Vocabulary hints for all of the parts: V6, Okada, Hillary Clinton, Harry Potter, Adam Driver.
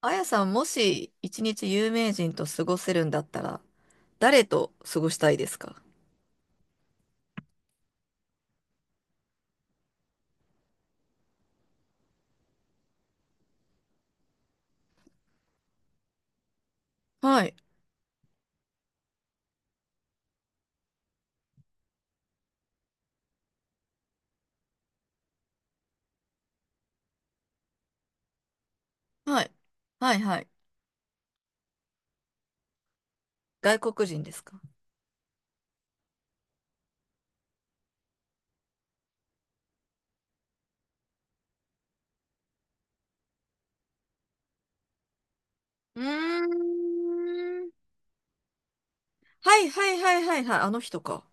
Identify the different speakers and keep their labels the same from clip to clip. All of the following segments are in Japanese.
Speaker 1: あやさん、もし一日有名人と過ごせるんだったら、誰と過ごしたいですか？はい、はい、はい、はい。外国人ですか？うーん。はい、はい、はい、はい、はい。あの人か。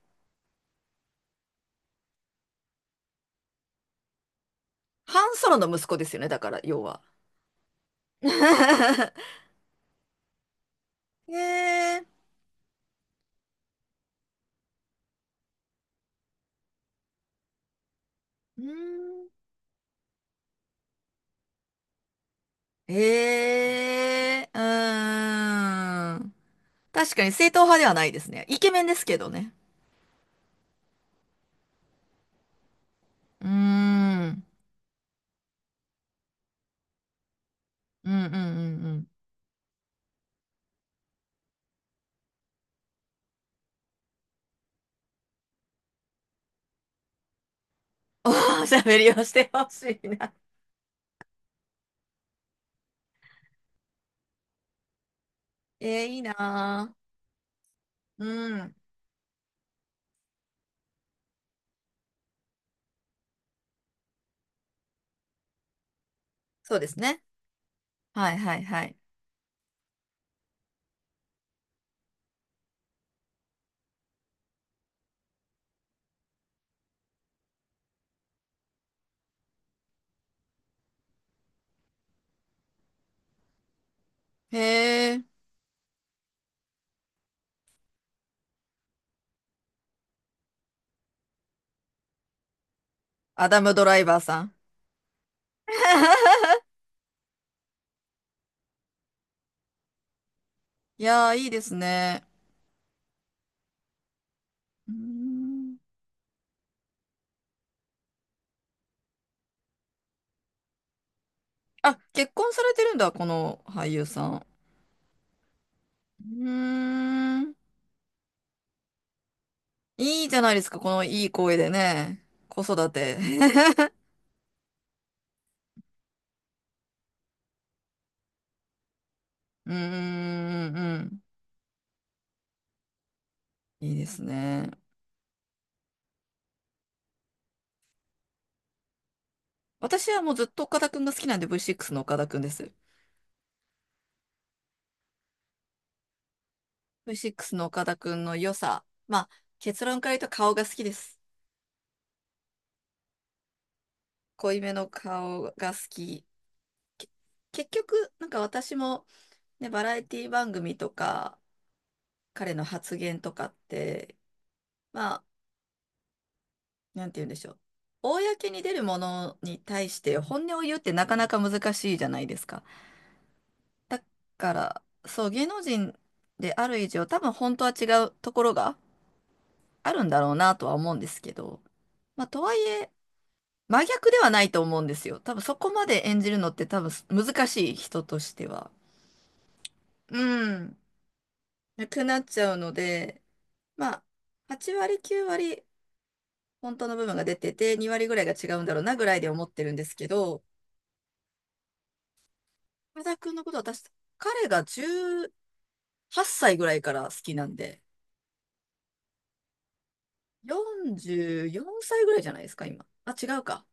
Speaker 1: ハンソロの息子ですよね、だから、要は。えー、うーん。えー、うーん。確かに正統派ではないですね。イケメンですけどね。うーん。うんうんうん。 お喋りをしてほしいな。えーいいなー。うん。そうですね。はいはいはい。へえ、アダム・ドライバーさん。いやー、いいですね。うーん。あ、結婚されてるんだ、この俳優さん。うーん。いいじゃないですか、このいい声でね。子育て。うーん、うん。いいですね。私はもうずっと岡田くんが好きなんで、 V6 の岡田くんです。V6 の岡田くんの良さ。まあ、結論から言うと顔が好きです。濃いめの顔が好き。け結局、なんか私も、ね、バラエティ番組とか、彼の発言とかって、まあ、なんて言うんでしょう。公に出るものに対して本音を言うってなかなか難しいじゃないですか。だから、そう、芸能人である以上、多分本当は違うところがあるんだろうなとは思うんですけど、まあ、とはいえ、真逆ではないと思うんですよ。多分そこまで演じるのって多分難しい、人としては。うん。なくなっちゃうので、まあ、8割、9割、本当の部分が出てて、2割ぐらいが違うんだろうなぐらいで思ってるんですけど、岡田君のこと私、彼が18歳ぐらいから好きなんで、44歳ぐらいじゃないですか、今。あ、違うか。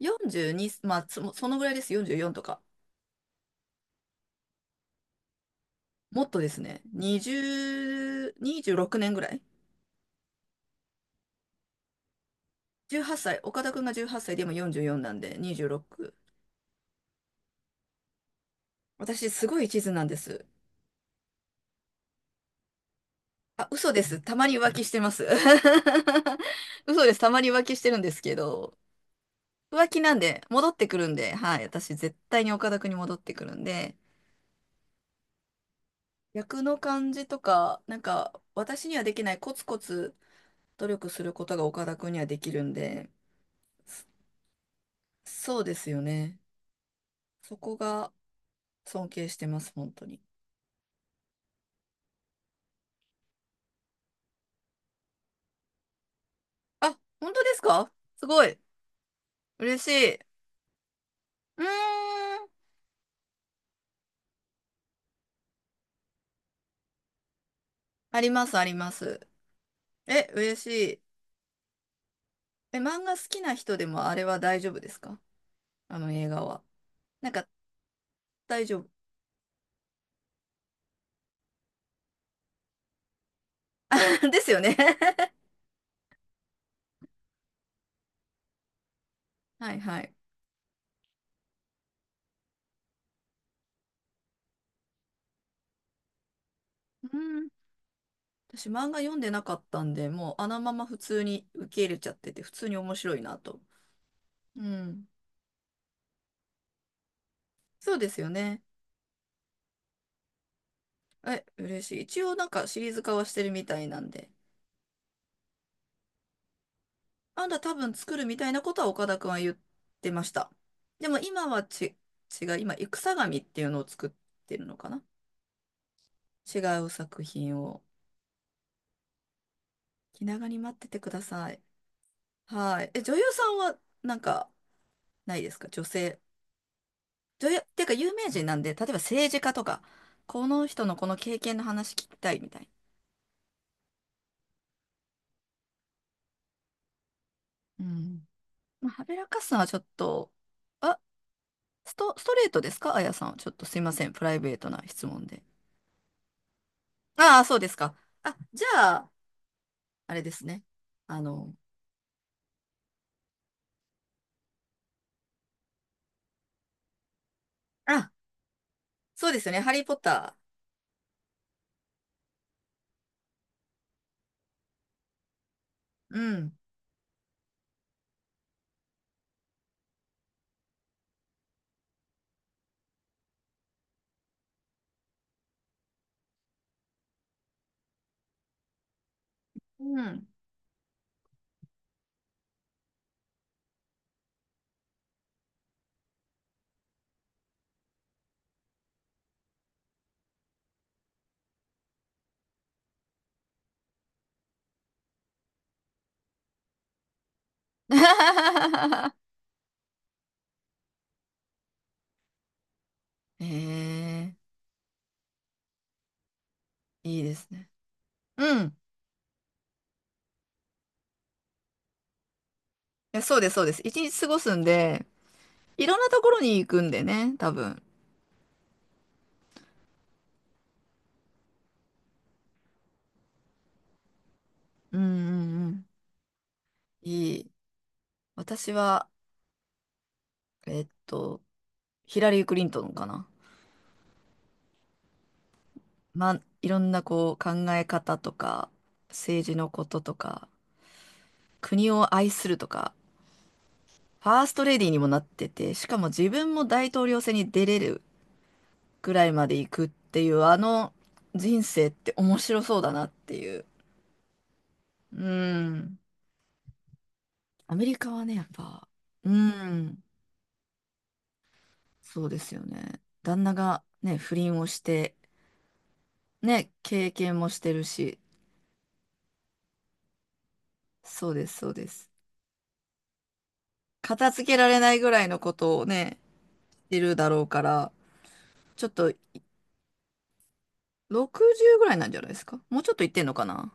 Speaker 1: 42、まあ、そのぐらいです。44とか。もっとですね。20、26年ぐらい。18歳、岡田くんが18歳で今44なんで26。私すごい一途なんです。あ、嘘です。たまに浮気してます。嘘です。たまに浮気してるんですけど、浮気なんで戻ってくるんで、はい。私絶対に岡田くんに戻ってくるんで、役の感じとか、なんか私にはできないコツコツ努力することが岡田くんにはできるんで、そそうですよね。そこが尊敬してます、本当に。あ、本当ですか？すごい。嬉しい。うーん。あります、あります。え、嬉しい。え、漫画好きな人でもあれは大丈夫ですか？あの映画は。なんか大丈夫。ですよね。 はいはい。うん。私漫画読んでなかったんで、もうあのまま普通に受け入れちゃってて、普通に面白いなと。うん。そうですよね。え、嬉しい。一応なんかシリーズ化はしてるみたいなんで。あんた多分作るみたいなことは岡田くんは言ってました。でも今はち、違う、今、戦神っていうのを作ってるのかな。違う作品を。気長に待っててください。はい。え、女優さんはなんかないですか？女性。女優、っていうか有名人なんで、例えば政治家とか、この人のこの経験の話聞きたいみたいな。うん。まあ、はべらかすのはちょっと、あ、ストレートですか？あやさん。ちょっとすいません。プライベートな質問で。ああ、そうですか。あ、じゃあ、あれですね。あの、あ、そうですよね。ハリー・ポッター。うん。うん。ええいいですね。うん。いやそうです、そうです。一日過ごすんで、いろんなところに行くんでね、多分。うんうんうん。いい。私は、えっと、ヒラリー・クリントンかな。まあ、いろんなこう考え方とか、政治のこととか、国を愛するとか、ファーストレディーにもなってて、しかも自分も大統領選に出れるぐらいまで行くっていう、あの、人生って面白そうだなっていう。うん。アメリカはね、やっぱ、うん、そうですよね。旦那がね、不倫をして、ね、経験もしてるし、そうです、そうです。片付けられないぐらいのことをね、してるだろうから、ちょっと60ぐらいなんじゃないですか？もうちょっといってんのかな。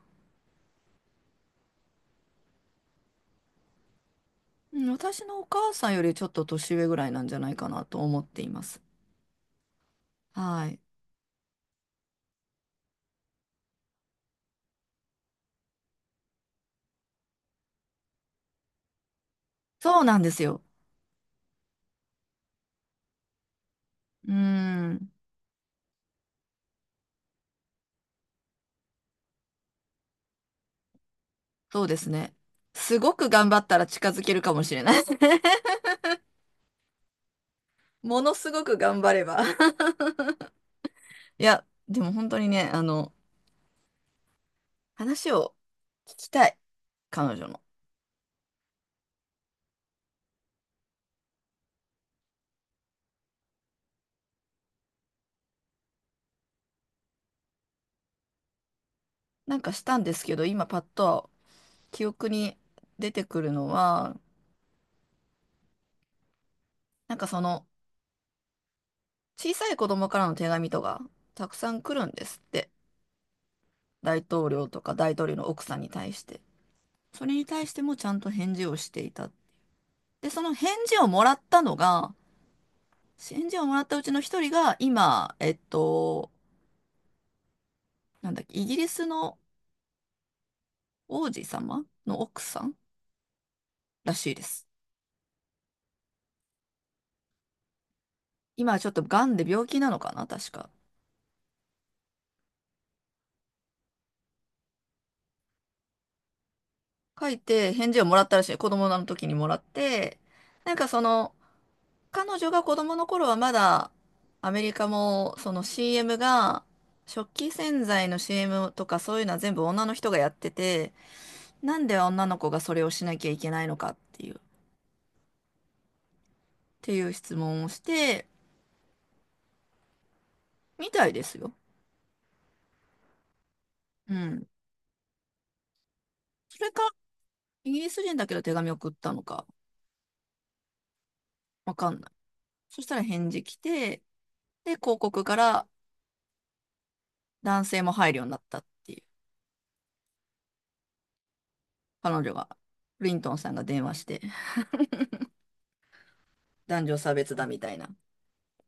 Speaker 1: うん、私のお母さんよりちょっと年上ぐらいなんじゃないかなと思っています。はい。そうなんですよ。うん。そうですね。すごく頑張ったら近づけるかもしれない。ものすごく頑張れば。いや、でも本当にね、あの、話を聞きたい。彼女の。なんかしたんですけど、今パッと記憶に出てくるのは、なんかその、小さい子供からの手紙とか、たくさん来るんですって。大統領とか大統領の奥さんに対して。それに対してもちゃんと返事をしていた。で、その返事をもらったのが、返事をもらったうちの一人が、今、えっと、なんだっけ、イギリスの王子様の奥さんらしいです。今ちょっと癌で病気なのかな、確か。書いて返事をもらったらしい。子供の時にもらって、なんかその、彼女が子供の頃はまだ、アメリカも、その CM が、食器洗剤の CM とかそういうのは全部女の人がやってて、なんで女の子がそれをしなきゃいけないのかっていう、っていう質問をして、みたいですよ。うん。それか、イギリス人だけど手紙送ったのか、わかんない。そしたら返事来て、で、広告から男性も入るようになったっていう。彼女が、リントンさんが電話して、男女差別だみたいな。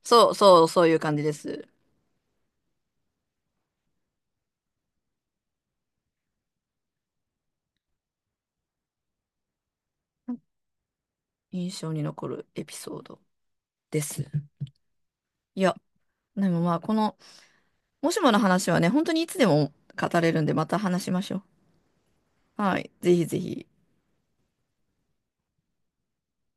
Speaker 1: そうそう、そういう感じです。印象に残るエピソードです。いや、でもまあ、この、もしもの話はね、本当にいつでも語れるんで、また話しましょう。はい、ぜひぜひ。